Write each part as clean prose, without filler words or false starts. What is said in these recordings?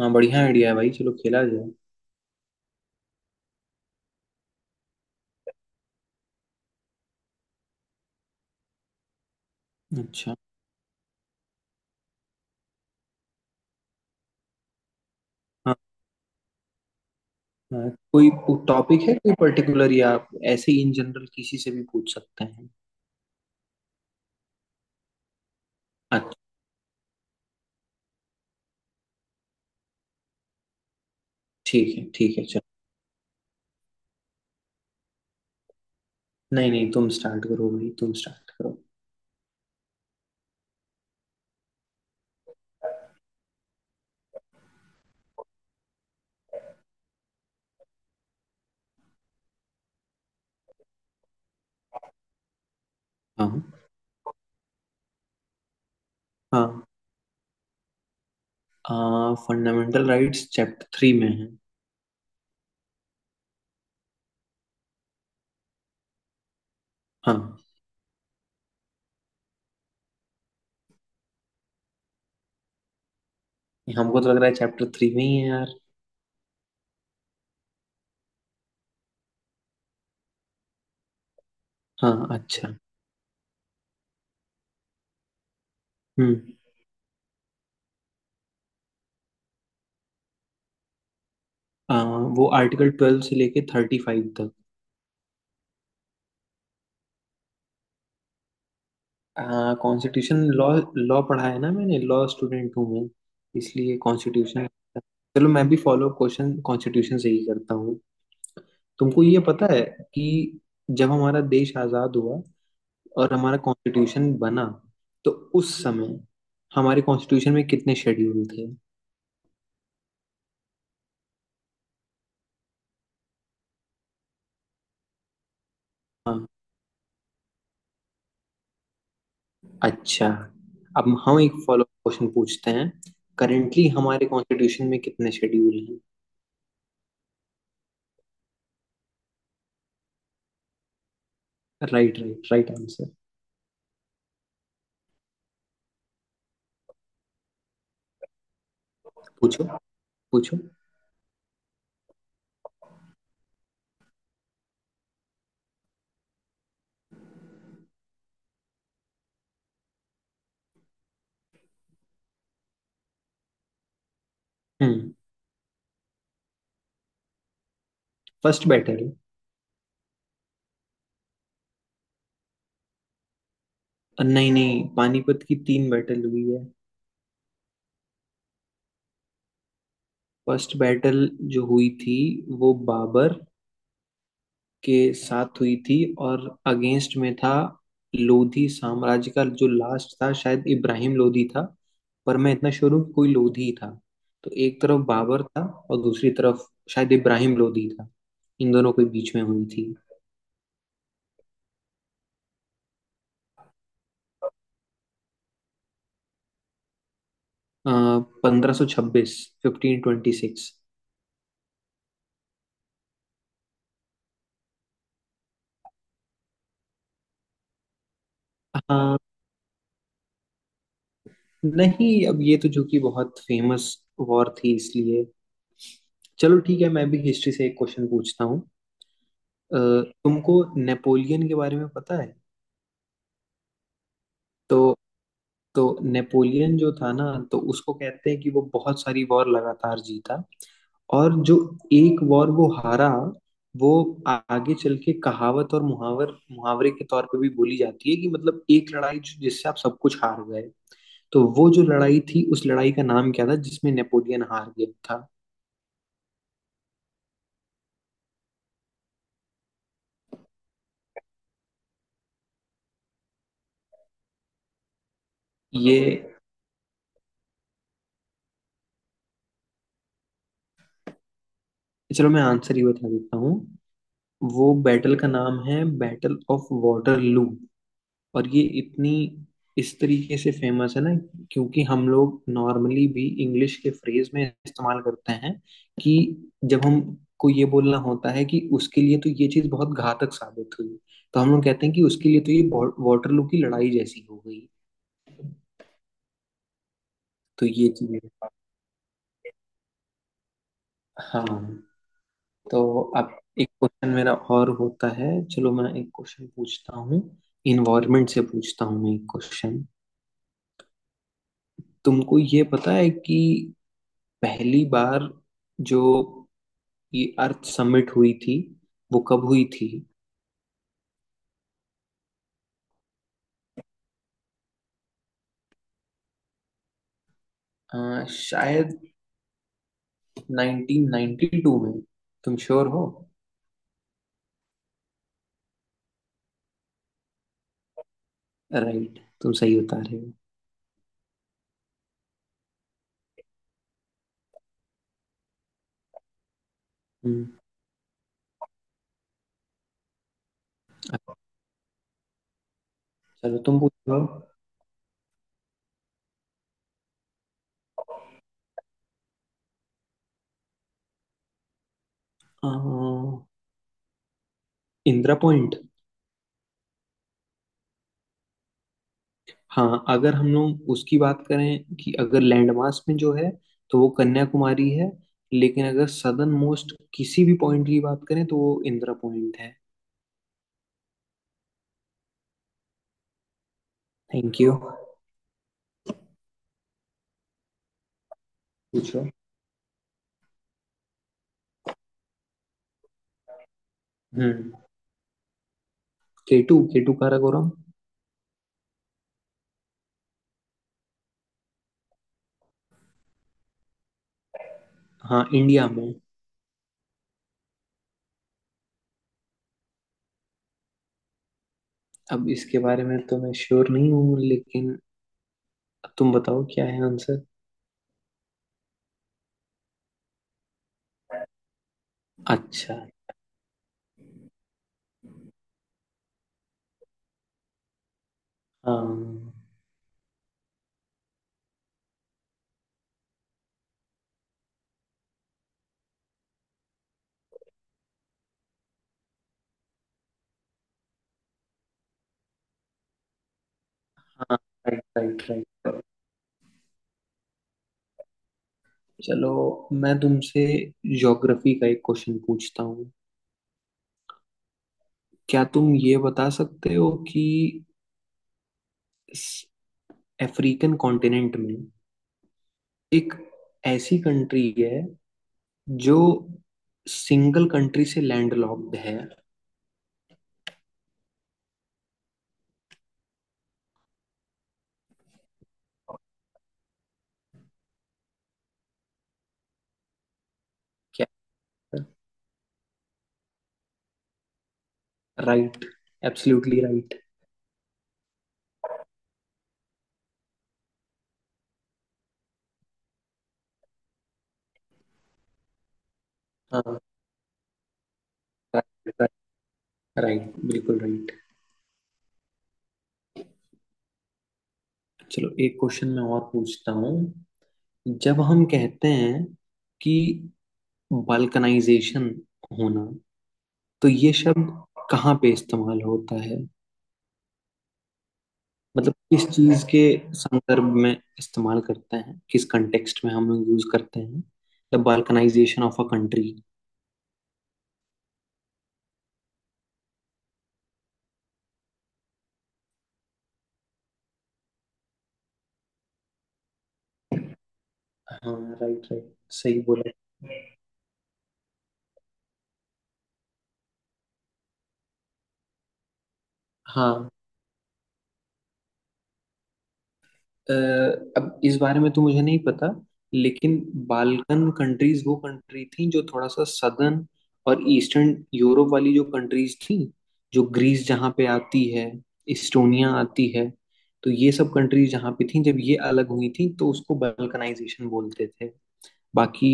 हाँ बढ़िया आइडिया है भाई चलो खेला जाए। अच्छा। हाँ। हाँ, कोई टॉपिक है कोई पर्टिकुलर या आप ऐसे ही इन जनरल किसी से भी पूछ सकते हैं? अच्छा। ठीक है चलो। नहीं नहीं तुम स्टार्ट करो भाई तुम स्टार्ट करो। हाँ। हाँ, फंडामेंटल राइट्स चैप्टर थ्री में है। हाँ। हमको तो लग रहा है चैप्टर थ्री में ही है यार। हाँ। अच्छा। हम्म। आ, वो आर्टिकल 12 से लेके 35 तक। Constitution law. लॉ पढ़ा है ना मैंने। लॉ स्टूडेंट हूँ मैं, इसलिए कॉन्स्टिट्यूशन। चलो मैं भी फॉलो क्वेश्चन कॉन्स्टिट्यूशन से ही करता हूँ। तुमको ये पता है कि जब हमारा देश आजाद हुआ और हमारा कॉन्स्टिट्यूशन बना तो उस समय हमारे कॉन्स्टिट्यूशन में कितने शेड्यूल थे? हाँ। अच्छा। अब हम एक फॉलोअप क्वेश्चन पूछते हैं। करेंटली हमारे कॉन्स्टिट्यूशन में कितने शेड्यूल हैं? Right right right answer. पूछो। पूछो। हम्म। First battle. नहीं नहीं पानीपत की तीन बैटल हुई है। फर्स्ट बैटल जो हुई थी वो बाबर के साथ हुई थी और अगेंस्ट में था लोधी साम्राज्य का, जो लास्ट था शायद इब्राहिम लोधी था। पर मैं इतना श्योर हूँ कि कोई लोधी ही था। तो एक तरफ बाबर था और दूसरी तरफ शायद इब्राहिम लोधी था। इन दोनों के बीच में हुई थी। 1526। 1526। हाँ। नहीं अब ये तो जो कि बहुत फेमस वॉर थी इसलिए। चलो ठीक है मैं भी हिस्ट्री से एक क्वेश्चन पूछता हूँ। अ, तुमको नेपोलियन के बारे में पता है? तो तो नेपोलियन जो था ना, तो उसको कहते हैं कि वो बहुत सारी वॉर लगातार जीता और जो एक वॉर वो हारा वो आगे चल के कहावत और मुहावरे के तौर पे भी बोली जाती है कि मतलब एक लड़ाई जिससे आप सब कुछ हार गए। तो वो जो लड़ाई थी उस लड़ाई का नाम क्या था जिसमें नेपोलियन हार गया था? ये। चलो मैं आंसर ही बता देता हूँ। वो बैटल का नाम है बैटल ऑफ वाटरलू। और ये इतनी इस तरीके से फेमस है ना, क्योंकि हम लोग नॉर्मली भी इंग्लिश के फ्रेज में इस्तेमाल करते हैं कि जब हमको ये बोलना होता है कि उसके लिए तो ये चीज बहुत घातक साबित हुई तो हम लोग कहते हैं कि उसके लिए तो ये वाटरलू की लड़ाई जैसी हो गई। तो ये चीज। हाँ। तो अब एक क्वेश्चन मेरा और होता है। चलो मैं एक क्वेश्चन पूछता हूँ। इन्वायरमेंट से पूछता हूँ मैं एक क्वेश्चन। तुमको ये पता है कि पहली बार जो ये अर्थ समिट हुई थी वो कब हुई थी? शायद 1992 में। तुम श्योर हो? राइट तुम सही बता रहे हो। हम्म। अच्छा। चलो तुम पूछो। अ, इंदिरा पॉइंट। हाँ अगर हम लोग उसकी बात करें कि अगर लैंडमास में जो है तो वो कन्याकुमारी है। लेकिन अगर सदर्न मोस्ट किसी भी पॉइंट की बात करें तो वो इंदिरा पॉइंट है। Thank you. पूछो। हम्म। K two Karakoram. हाँ इंडिया में। अब इसके बारे में तो मैं श्योर नहीं हूँ, लेकिन तुम बताओ क्या है आंसर। अच्छा। हाँ। हाँ। Right right right. चलो मैं तुमसे ज्योग्राफी का एक क्वेश्चन पूछता हूँ। क्या तुम ये बता सकते हो कि इस अफ्रीकन कॉन्टिनेंट में एक ऐसी कंट्री है जो सिंगल कंट्री से लैंडलॉक्ड है? क्या? Right absolutely right. हाँ। राइट राइट राइट बिल्कुल राइट। चलो एक क्वेश्चन मैं और पूछता हूँ। जब हम कहते हैं कि बाल्कनाइजेशन होना तो ये शब्द कहाँ पे इस्तेमाल होता है? मतलब किस चीज के संदर्भ में इस्तेमाल करते हैं, किस कंटेक्स्ट में हम लोग यूज करते हैं? The balkanization of a country. हाँ। Right right. सही बोला। हाँ। अ, अब इस बारे में तो मुझे नहीं पता लेकिन बाल्कन कंट्रीज वो कंट्री थी जो थोड़ा सा सदर्न और ईस्टर्न यूरोप वाली जो कंट्रीज थी, जो ग्रीस जहाँ पे आती है, इस्टोनिया आती है। तो ये सब कंट्रीज जहाँ पे थी जब ये अलग हुई थी तो उसको बाल्कनाइजेशन बोलते थे। बाकी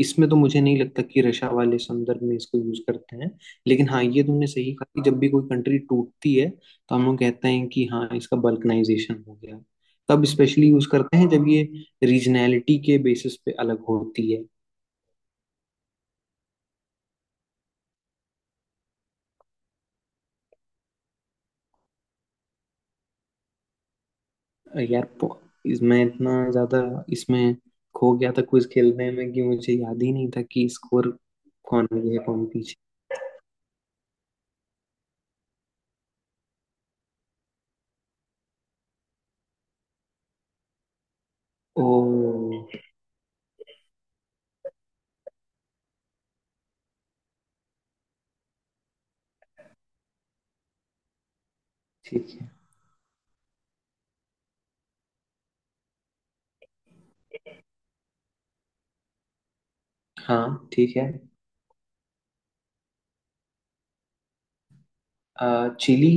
इसमें तो मुझे नहीं लगता कि रशा वाले संदर्भ में इसको यूज करते हैं। लेकिन हाँ ये तुमने सही कहा कि जब भी कोई कंट्री टूटती है तो हम लोग कहते हैं कि हाँ इसका बल्कनाइजेशन हो गया। तब स्पेशली यूज करते हैं जब ये रीजनैलिटी के बेसिस पे अलग होती है। यार मैं इतना ज्यादा इसमें खो गया था क्विज खेलने में कि मुझे याद ही नहीं था कि स्कोर कौन आगे है कौन पीछे। ओ। ठीक है। हाँ ठीक है। चिली।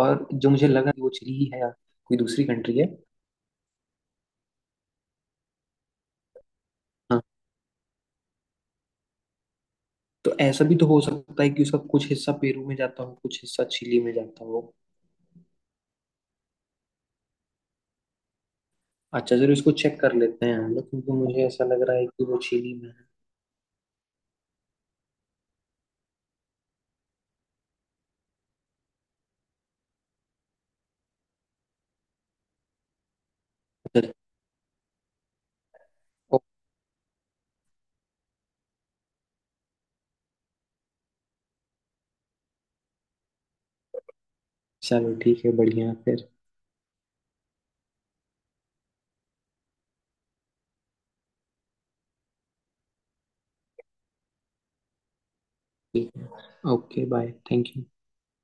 और जो मुझे लगा कि वो चिली है या कोई दूसरी कंट्री है। हाँ तो ऐसा भी तो हो सकता है कि उसका कुछ हिस्सा पेरू में जाता हो कुछ हिस्सा चिली में जाता हो। अच्छा चलो इसको चेक कर लेते हैं हम लोग, क्योंकि मुझे ऐसा लग रहा है कि वो चिली में है। अच्छा, चलो ठीक है बढ़िया फिर। ठीक है। Okay bye, thank you.